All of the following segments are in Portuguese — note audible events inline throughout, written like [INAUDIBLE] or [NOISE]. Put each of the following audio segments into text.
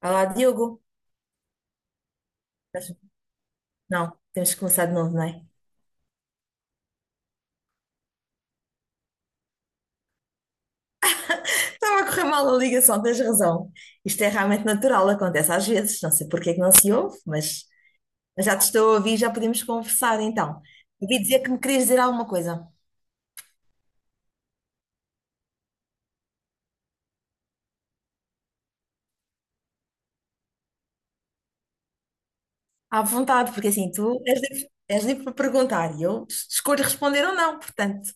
Olá, Diogo. Mas- Não, temos que começar de novo, não é? Estava a correr mal a ligação, tens razão. Isto é realmente natural, acontece às vezes. Não sei porque é que não se ouve, mas já te estou a ouvir, já podemos conversar então. Ouvi dizer que me querias dizer alguma coisa. À vontade, porque assim, tu és livre para perguntar e eu escolho responder ou não, portanto.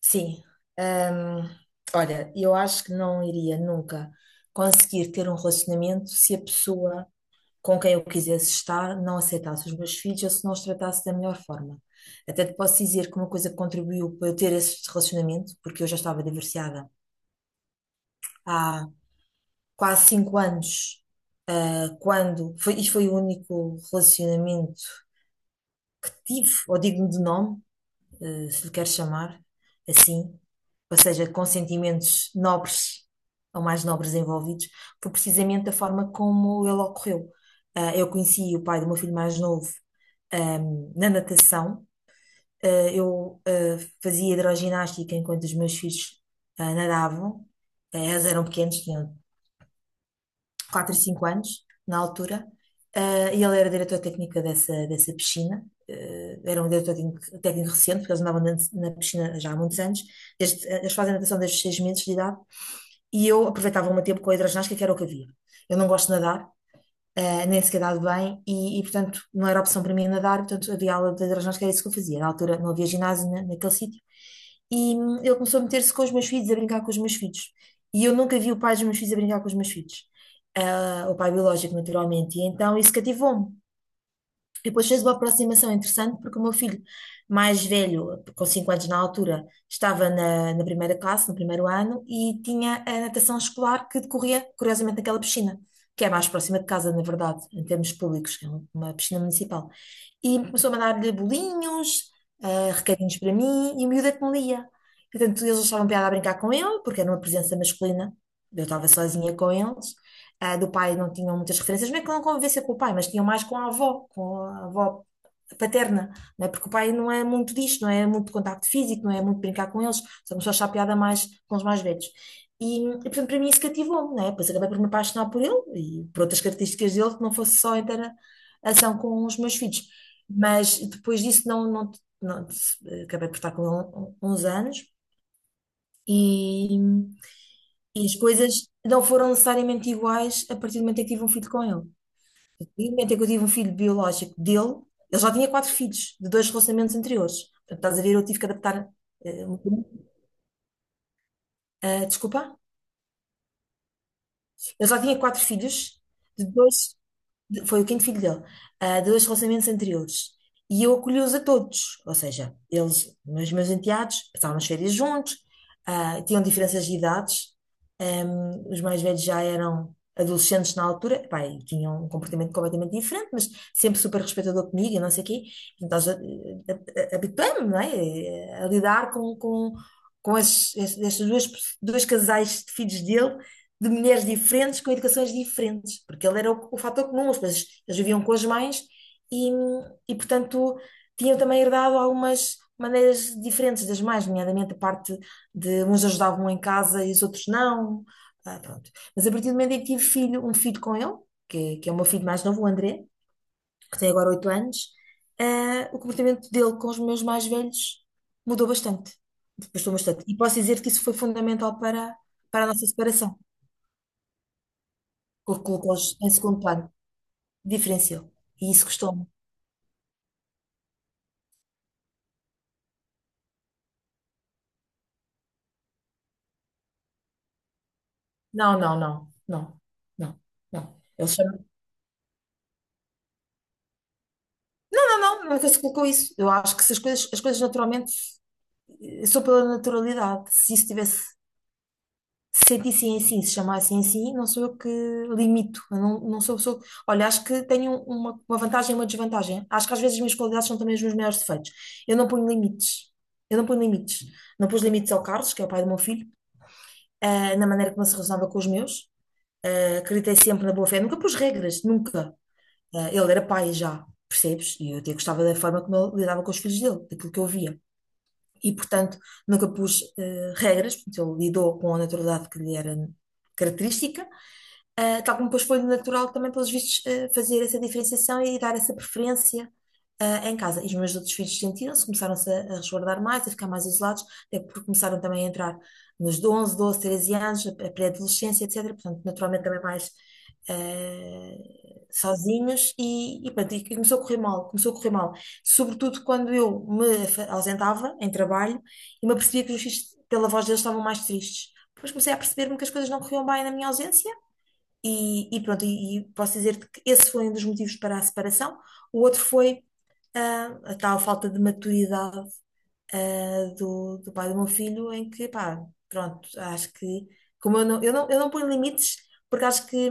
Sim. Hum, olha, eu acho que não iria nunca conseguir ter um relacionamento se a pessoa com quem eu quisesse estar, não aceitasse os meus filhos ou se não os tratasse da melhor forma. Até te posso dizer que uma coisa que contribuiu para eu ter esse relacionamento, porque eu já estava divorciada há quase cinco anos, quando, foi, e foi o único relacionamento que tive, ou digno de nome, se lhe quer chamar assim, ou seja, com sentimentos nobres ou mais nobres envolvidos, foi precisamente da forma como ele ocorreu. Eu conheci o pai do meu filho mais novo, na natação. Ah, eu, ah, fazia hidroginástica enquanto os meus filhos, nadavam. Eles eram pequenos, tinham 4 e 5 anos, na altura, e ele era diretor técnico dessa, dessa piscina. Era um diretor técnico, técnico recente, porque eles andavam na, na piscina já há muitos anos. Desde, eles fazem natação desde os 6 meses de idade. E eu aproveitava o meu tempo com a hidroginástica, que era o que havia. Eu não gosto de nadar, nem sequer dado bem, e, portanto não era opção para mim nadar, portanto havia aula de hidroginástica, que era isso que eu fazia. Na altura não havia ginásio naquele sítio, e ele começou a meter-se com os meus filhos, a brincar com os meus filhos. E eu nunca vi o pai dos meus filhos a brincar com os meus filhos. O pai biológico, naturalmente, e então isso cativou-me. E depois fez uma aproximação interessante porque o meu filho mais velho, com 5 anos na altura, estava na, na primeira classe, no primeiro ano, e tinha a natação escolar que decorria, curiosamente, naquela piscina, que é mais próxima de casa, na verdade, em termos públicos, que é uma piscina municipal. E começou a mandar-lhe bolinhos, recadinhos para mim, e o miúdo é que me lia. Portanto, eles achavam piada a brincar com ele, porque era uma presença masculina, eu estava sozinha com eles, do pai não tinham muitas referências, não é que não convivência com o pai, mas tinham mais com a avó paterna, não é? Porque o pai não é muito disto, não é muito contacto físico, não é muito brincar com eles, só começou a achar piada mais com os mais velhos. E, portanto, para mim isso cativou-me, não é? Depois acabei por me apaixonar por ele e por outras características dele, que não fosse só a interação com os meus filhos. Mas depois disso não- acabei por estar com ele uns anos e, e as coisas não foram necessariamente iguais a partir do momento em que tive um filho com ele. E no momento em que eu tive um filho biológico dele, ele já tinha quatro filhos de dois relacionamentos anteriores. Portanto, estás a ver, eu tive que adaptar. Um bocadinho. Ah, desculpa? Ele já tinha quatro filhos de dois. Foi o quinto filho dele, dois relacionamentos anteriores. E eu acolhi-os a todos, ou seja, eles, meus, meus enteados, passavam as férias juntos, tinham diferenças de idades, os mais velhos já eram adolescentes na altura, epá, e tinham um comportamento completamente diferente, mas sempre super respeitador comigo e não sei o quê. Então, habituei-me, não é? A lidar com estes dois, dois casais de filhos dele de mulheres diferentes com educações diferentes, porque ele era o fator comum, as pessoas eles viviam com as mães e, e, portanto, tinham também herdado algumas maneiras diferentes das mães, nomeadamente a parte de uns ajudavam em casa e os outros não. Ah, pronto. Mas a partir do momento em que tive filho, um filho com ele, que é o meu filho mais novo, o André, que tem agora 8 anos, o comportamento dele com os meus mais velhos mudou bastante. Depois bastante. E posso dizer que isso foi fundamental para, para a nossa separação. Colocou-os em segundo plano. Diferenciou. E isso custou-me. Não, não, não, não, não, não. Ele chama. Não, não, não, nunca se colocou isso. Eu acho que se as coisas, as coisas naturalmente, eu sou pela naturalidade. Se isso tivesse, se sentissem assim, se chamassem assim, não sou eu que limito. Eu não, não sou pessoa. Olha, acho que tenho uma vantagem e uma desvantagem. Acho que às vezes as minhas qualidades são também os meus maiores defeitos. Eu não ponho limites. Eu não ponho limites. Não pus limites ao Carlos, que é o pai do meu filho, na maneira como ele se relacionava com os meus. Acreditei sempre na boa fé, nunca pus regras, nunca. Ah, ele era pai já, percebes? E eu até gostava da forma como ele lidava com os filhos dele, daquilo que eu via. E, portanto, nunca pus regras, portanto, ele lidou com a naturalidade que lhe era característica tal como depois foi natural também, pelos vistos, fazer essa diferenciação e dar essa preferência, em casa. E os meus outros filhos sentiram-se, começaram-se a resguardar mais, a ficar mais isolados, até porque começaram também a entrar nos 11, 12, 13 anos, a pré-adolescência, etc. Portanto, naturalmente também mais, sozinhos e, pronto, e começou a correr mal, começou a correr mal. Sobretudo quando eu me ausentava em trabalho e me apercebia que os filhos, pela voz deles, estavam mais tristes. Depois comecei a perceber-me que as coisas não corriam bem na minha ausência e pronto, e posso dizer-te que esse foi um dos motivos para a separação. O outro foi a tal falta de maturidade do, do pai do meu filho, em que, pá, pronto, acho que, como eu não, eu não, eu não ponho limites, porque acho que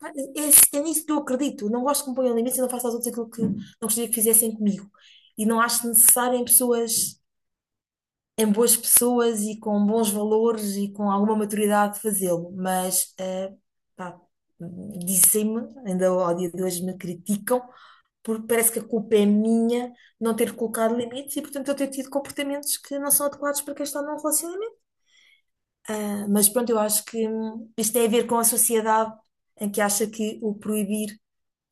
pá, é, é é nisso que eu acredito. Não gosto que me ponham limites e não faço aos outros aquilo que não gostaria que fizessem comigo. E não acho necessário em pessoas em boas pessoas e com bons valores e com alguma maturidade de fazê-lo, mas pá, dizem-me, ainda ao dia de hoje me criticam, porque parece que a culpa é minha não ter colocado limites e, portanto, eu ter tido comportamentos que não são adequados para quem está num relacionamento. Mas pronto, eu acho que isto tem a ver com a sociedade em que acha que o proibir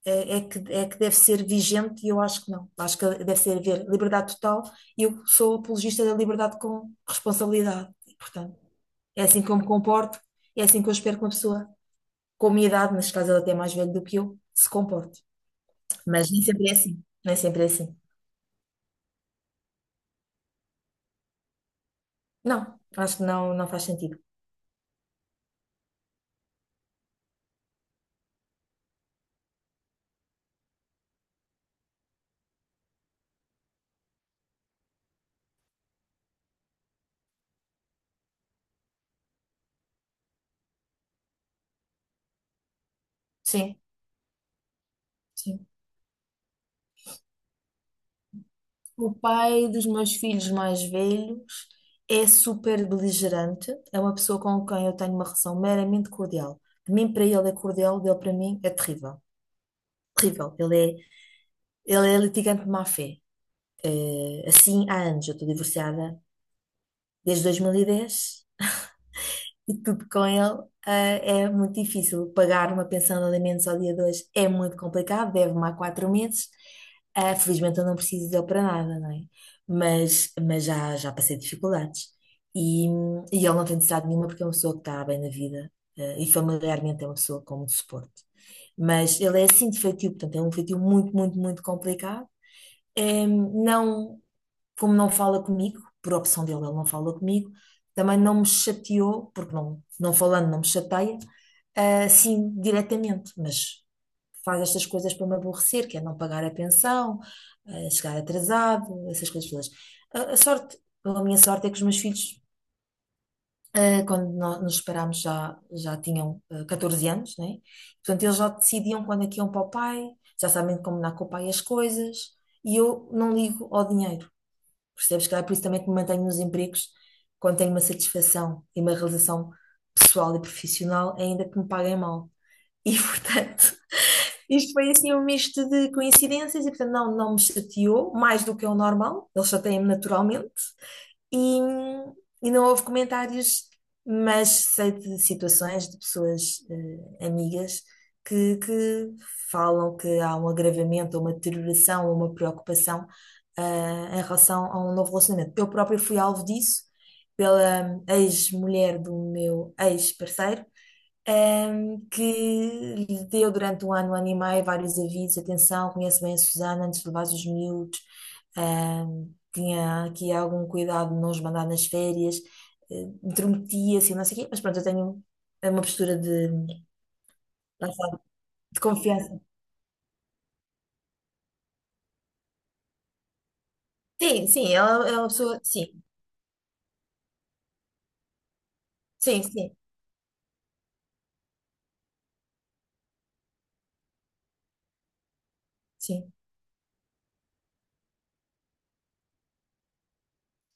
é, é que deve ser vigente e eu acho que não. Acho que deve ser haver liberdade total e eu sou apologista da liberdade com responsabilidade. E, portanto, é assim que eu me comporto, é assim que eu espero que uma pessoa com a minha idade, neste caso ela até é mais velha do que eu, se comporte. Mas nem sempre é assim. Nem sempre é assim. Não, acho que não, não faz sentido. Sim, sim. O pai dos meus filhos mais velhos é super beligerante, é uma pessoa com quem eu tenho uma relação meramente cordial. De mim para ele é cordial, dele para mim é terrível. Terrível. Ele é litigante de má fé. Assim há anos, eu estou divorciada desde 2010 e tudo com ele, é muito difícil. Pagar uma pensão de alimentos ao dia de hoje é muito complicado, deve-me há quatro meses. Felizmente eu não preciso dele para nada, não é? Mas já, já passei dificuldades. E, e ele não tem necessidade nenhuma porque é uma pessoa que está bem na vida, e familiarmente é uma pessoa com muito suporte. Mas ele é assim de feitio, portanto é um feitio muito, muito, muito complicado. Não como não fala comigo, por opção dele, ele não fala comigo, também não me chateou, porque não, não falando não me chateia, assim diretamente, mas faz estas coisas para me aborrecer, que é não pagar a pensão, chegar atrasado, essas coisas todas. A sorte, a minha sorte é que os meus filhos, quando nos separámos, já, já tinham 14 anos, né? Portanto, eles já decidiam quando é que iam para o pai, já sabem combinar com o pai as coisas, e eu não ligo ao dinheiro. Percebes? Que é por isso também que me mantenho nos empregos quando tenho uma satisfação e uma realização pessoal e profissional, ainda que me paguem mal. E [LAUGHS] portanto, isto foi assim um misto de coincidências e portanto não me chateou mais do que é o normal. Eles chateiam-me naturalmente, e, e não houve comentários, mas sei de situações de pessoas amigas que falam que há um agravamento, ou uma deterioração, ou uma preocupação em relação a um novo relacionamento. Eu própria fui alvo disso pela ex-mulher do meu ex-parceiro. Que lhe deu durante um ano e meio, vários avisos: atenção, conhece bem a Susana antes de levar os miúdos, eh, tinha aqui algum cuidado de não os mandar nas férias, intrometia-se e não sei o quê, mas pronto, eu tenho uma postura de, lá está, de confiança. Sim, sim, ela é uma pessoa, sim, sim, sim, sim.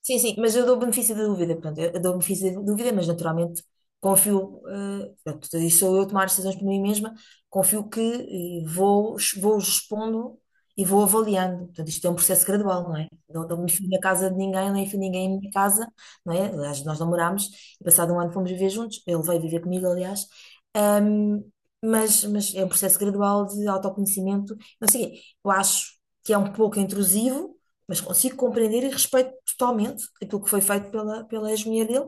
Sim, sim, mas eu dou o benefício da dúvida, portanto, eu dou o benefício da dúvida, mas naturalmente confio, portanto, isso sou eu a tomar as decisões por mim mesma, confio que vou expondo e vou avaliando. Portanto, isto é um processo gradual, não é? Não me fui na casa de ninguém, nem fui ninguém em minha casa, não é? Aliás, nós namorámos e passado um ano fomos viver juntos, ele veio viver comigo, aliás, Ahm, mas é um processo gradual de autoconhecimento, não sei o quê. Eu acho que é um pouco intrusivo, mas consigo compreender e respeito totalmente aquilo que foi feito pela ex-mulher dele,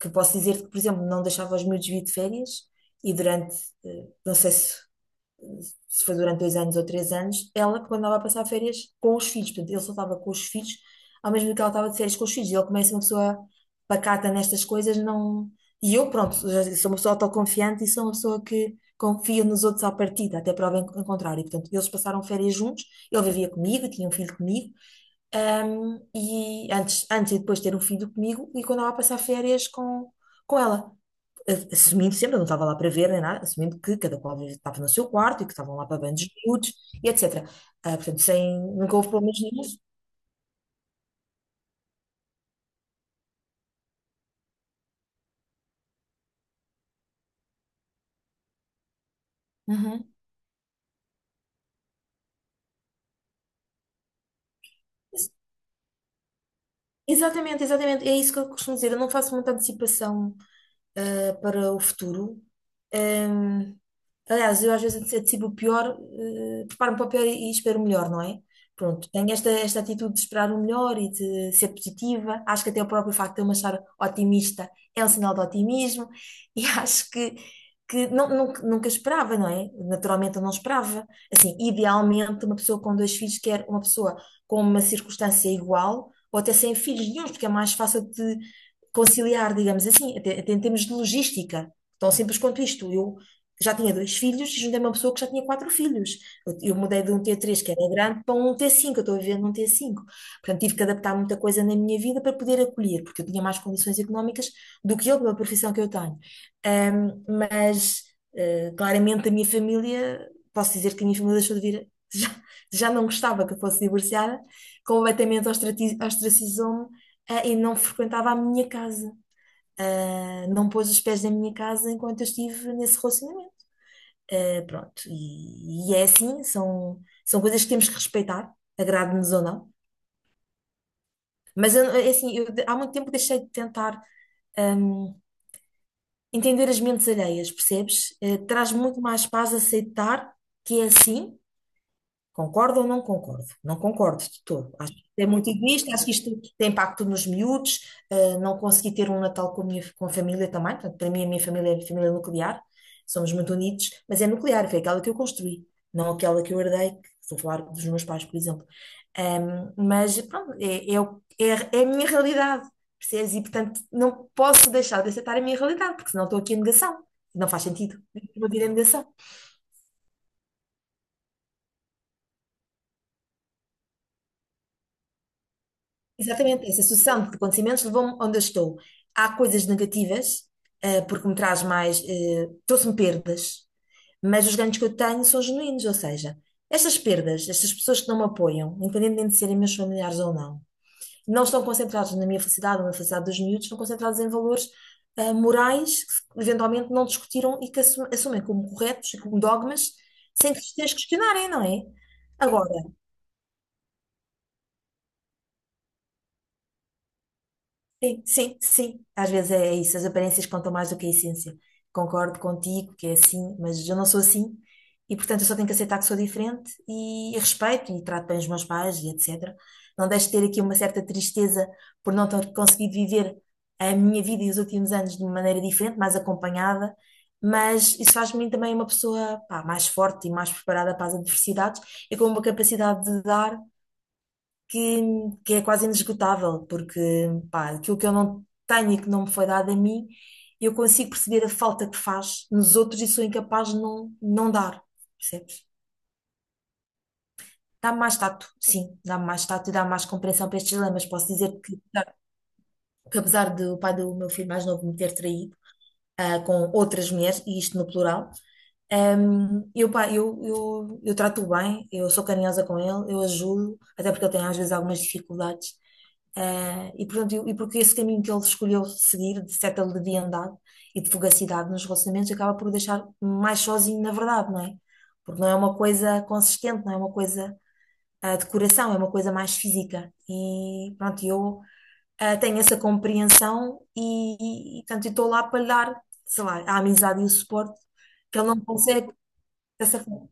que posso dizer-te que, por exemplo, não deixava os miúdos vir de férias e durante, não sei se, se foi durante dois anos ou três anos, ela quando andava a passar férias com os filhos, portanto, ele só estava com os filhos, ao mesmo tempo que ela estava de férias com os filhos, e ele começa uma pessoa pacata nestas coisas, não... E eu, pronto, já sou uma pessoa autoconfiante e sou uma pessoa que confia nos outros à partida, até prova em contrário. Portanto, eles passaram férias juntos, ele vivia comigo, tinha um filho comigo, um, e antes, antes e depois de ter um filho comigo e quando ela passar férias com ela. A- Assumindo sempre, eu não estava lá para ver nem nada, assumindo que cada qual estava no seu quarto e que estavam lá para bandos miúdos e etc. Ah, portanto, sem, nunca houve problemas nenhum. Uhum. Exatamente, exatamente. É isso que eu costumo dizer. Eu não faço muita antecipação para o futuro. Em, aliás, eu às vezes antecipo o pior, preparo-me para o pior e espero o melhor, não é? Pronto, tenho esta atitude de esperar o melhor e de ser positiva. Acho que até o próprio facto de eu me achar otimista é um sinal de otimismo e [LAUGHS] acho que não, nunca esperava, não é? Naturalmente eu não esperava. Assim, idealmente, uma pessoa com dois filhos quer uma pessoa com uma circunstância igual ou até sem filhos nenhuns, porque é mais fácil de conciliar, digamos assim, até, até em termos de logística, tão simples quanto isto. Eu já tinha dois filhos e juntei uma pessoa que já tinha quatro filhos. Eu mudei de um t três que era grande, para um t cinco. Eu estou a viver num t cinco. Portanto, tive que adaptar muita coisa na minha vida para poder acolher, porque eu tinha mais condições económicas do que ele, pela profissão que eu tenho. Mas, claramente, a minha família, posso dizer que a minha família deixou de vir. [LAUGHS] Já, já não gostava que eu fosse divorciada, completamente ostracizou-me e não frequentava a minha casa. Ah, não pôs os pés na minha casa enquanto eu estive nesse relacionamento. Ah, pronto, e é assim, são coisas que temos que respeitar, agrade-nos ou não. Mas eu- é assim, eu de- há muito tempo deixei de tentar hum, entender as mentes alheias, percebes? Eh, traz muito mais paz aceitar que é assim. Concordo ou não concordo? Não concordo de todo. Acho que isto é muito egoísta, acho que isto tem impacto nos miúdos. Eh, não consegui ter um Natal com a minha, com a família também. Portanto, para mim, a minha família é família nuclear. Somos muito unidos, mas é nuclear, foi aquela que eu construí, não aquela que eu herdei, que estou a falar dos meus pais, por exemplo. Mas pronto, é a minha realidade, percebes? E portanto, não posso deixar de aceitar a minha realidade, porque senão estou aqui em negação. Não faz sentido. Vou vir em negação. Exatamente, essa sucessão de acontecimentos levou-me onde eu estou. Há coisas negativas, porque me traz mais, trouxe-me perdas, mas os ganhos que eu tenho são genuínos, ou seja, estas perdas, estas pessoas que não me apoiam, independentemente de serem meus familiares ou não, não estão concentrados na minha felicidade ou na felicidade dos miúdos, estão concentrados em valores, morais que eventualmente não discutiram e que assumem como corretos e como dogmas, sem que os tenhas questionarem, não é? Agora, sim, sim, sim. Às vezes é isso, as aparências contam mais do que a essência. Concordo contigo que é assim, mas eu não sou assim portanto, eu só tenho que aceitar que sou diferente e respeito e trato bem os meus pais e etc. Não deixo de ter aqui uma certa tristeza por não ter conseguido viver a minha vida e os últimos anos de uma maneira diferente, mais acompanhada, mas isso faz de mim também uma pessoa, pá, mais forte e mais preparada para as adversidades e com uma capacidade de dar que, que é quase inesgotável, porque pá, aquilo que eu não tenho e que não me foi dado a mim, eu consigo perceber a falta que faz nos outros e sou incapaz de não dar, percebes? Dá-me mais tato, sim, dá-me mais tato e dá-me mais compreensão para estes dilemas. Posso dizer que apesar do pai do meu filho mais novo me ter traído, ah, com outras mulheres, e isto no plural, um, eu trato-o bem, eu sou carinhosa com ele, eu ajudo, até porque ele tem às vezes algumas dificuldades. Ah, e portanto, eu- e porque esse caminho que ele escolheu seguir, de certa leviandade e de fugacidade nos relacionamentos, acaba por deixar mais sozinho, na verdade, não é? Porque não é uma coisa consistente, não é uma coisa ah, de coração, é uma coisa mais física. E pronto, eu tenho essa compreensão portanto, eu estou lá para lhe dar, sei lá, a amizade e o suporte que ele não consegue dessa forma.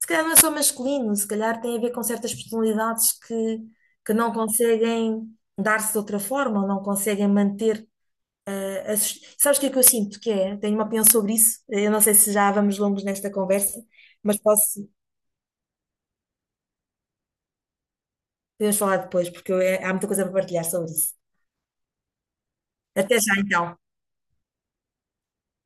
Se calhar não é só masculino, se calhar tem a ver com certas personalidades que não conseguem dar-se de outra forma, ou não conseguem manter. Sabes o que é que eu sinto que é? Tenho uma opinião sobre isso. Eu não sei se já vamos longos nesta conversa, mas posso, podemos falar depois, porque eu- há muita coisa para partilhar sobre isso. Até já então.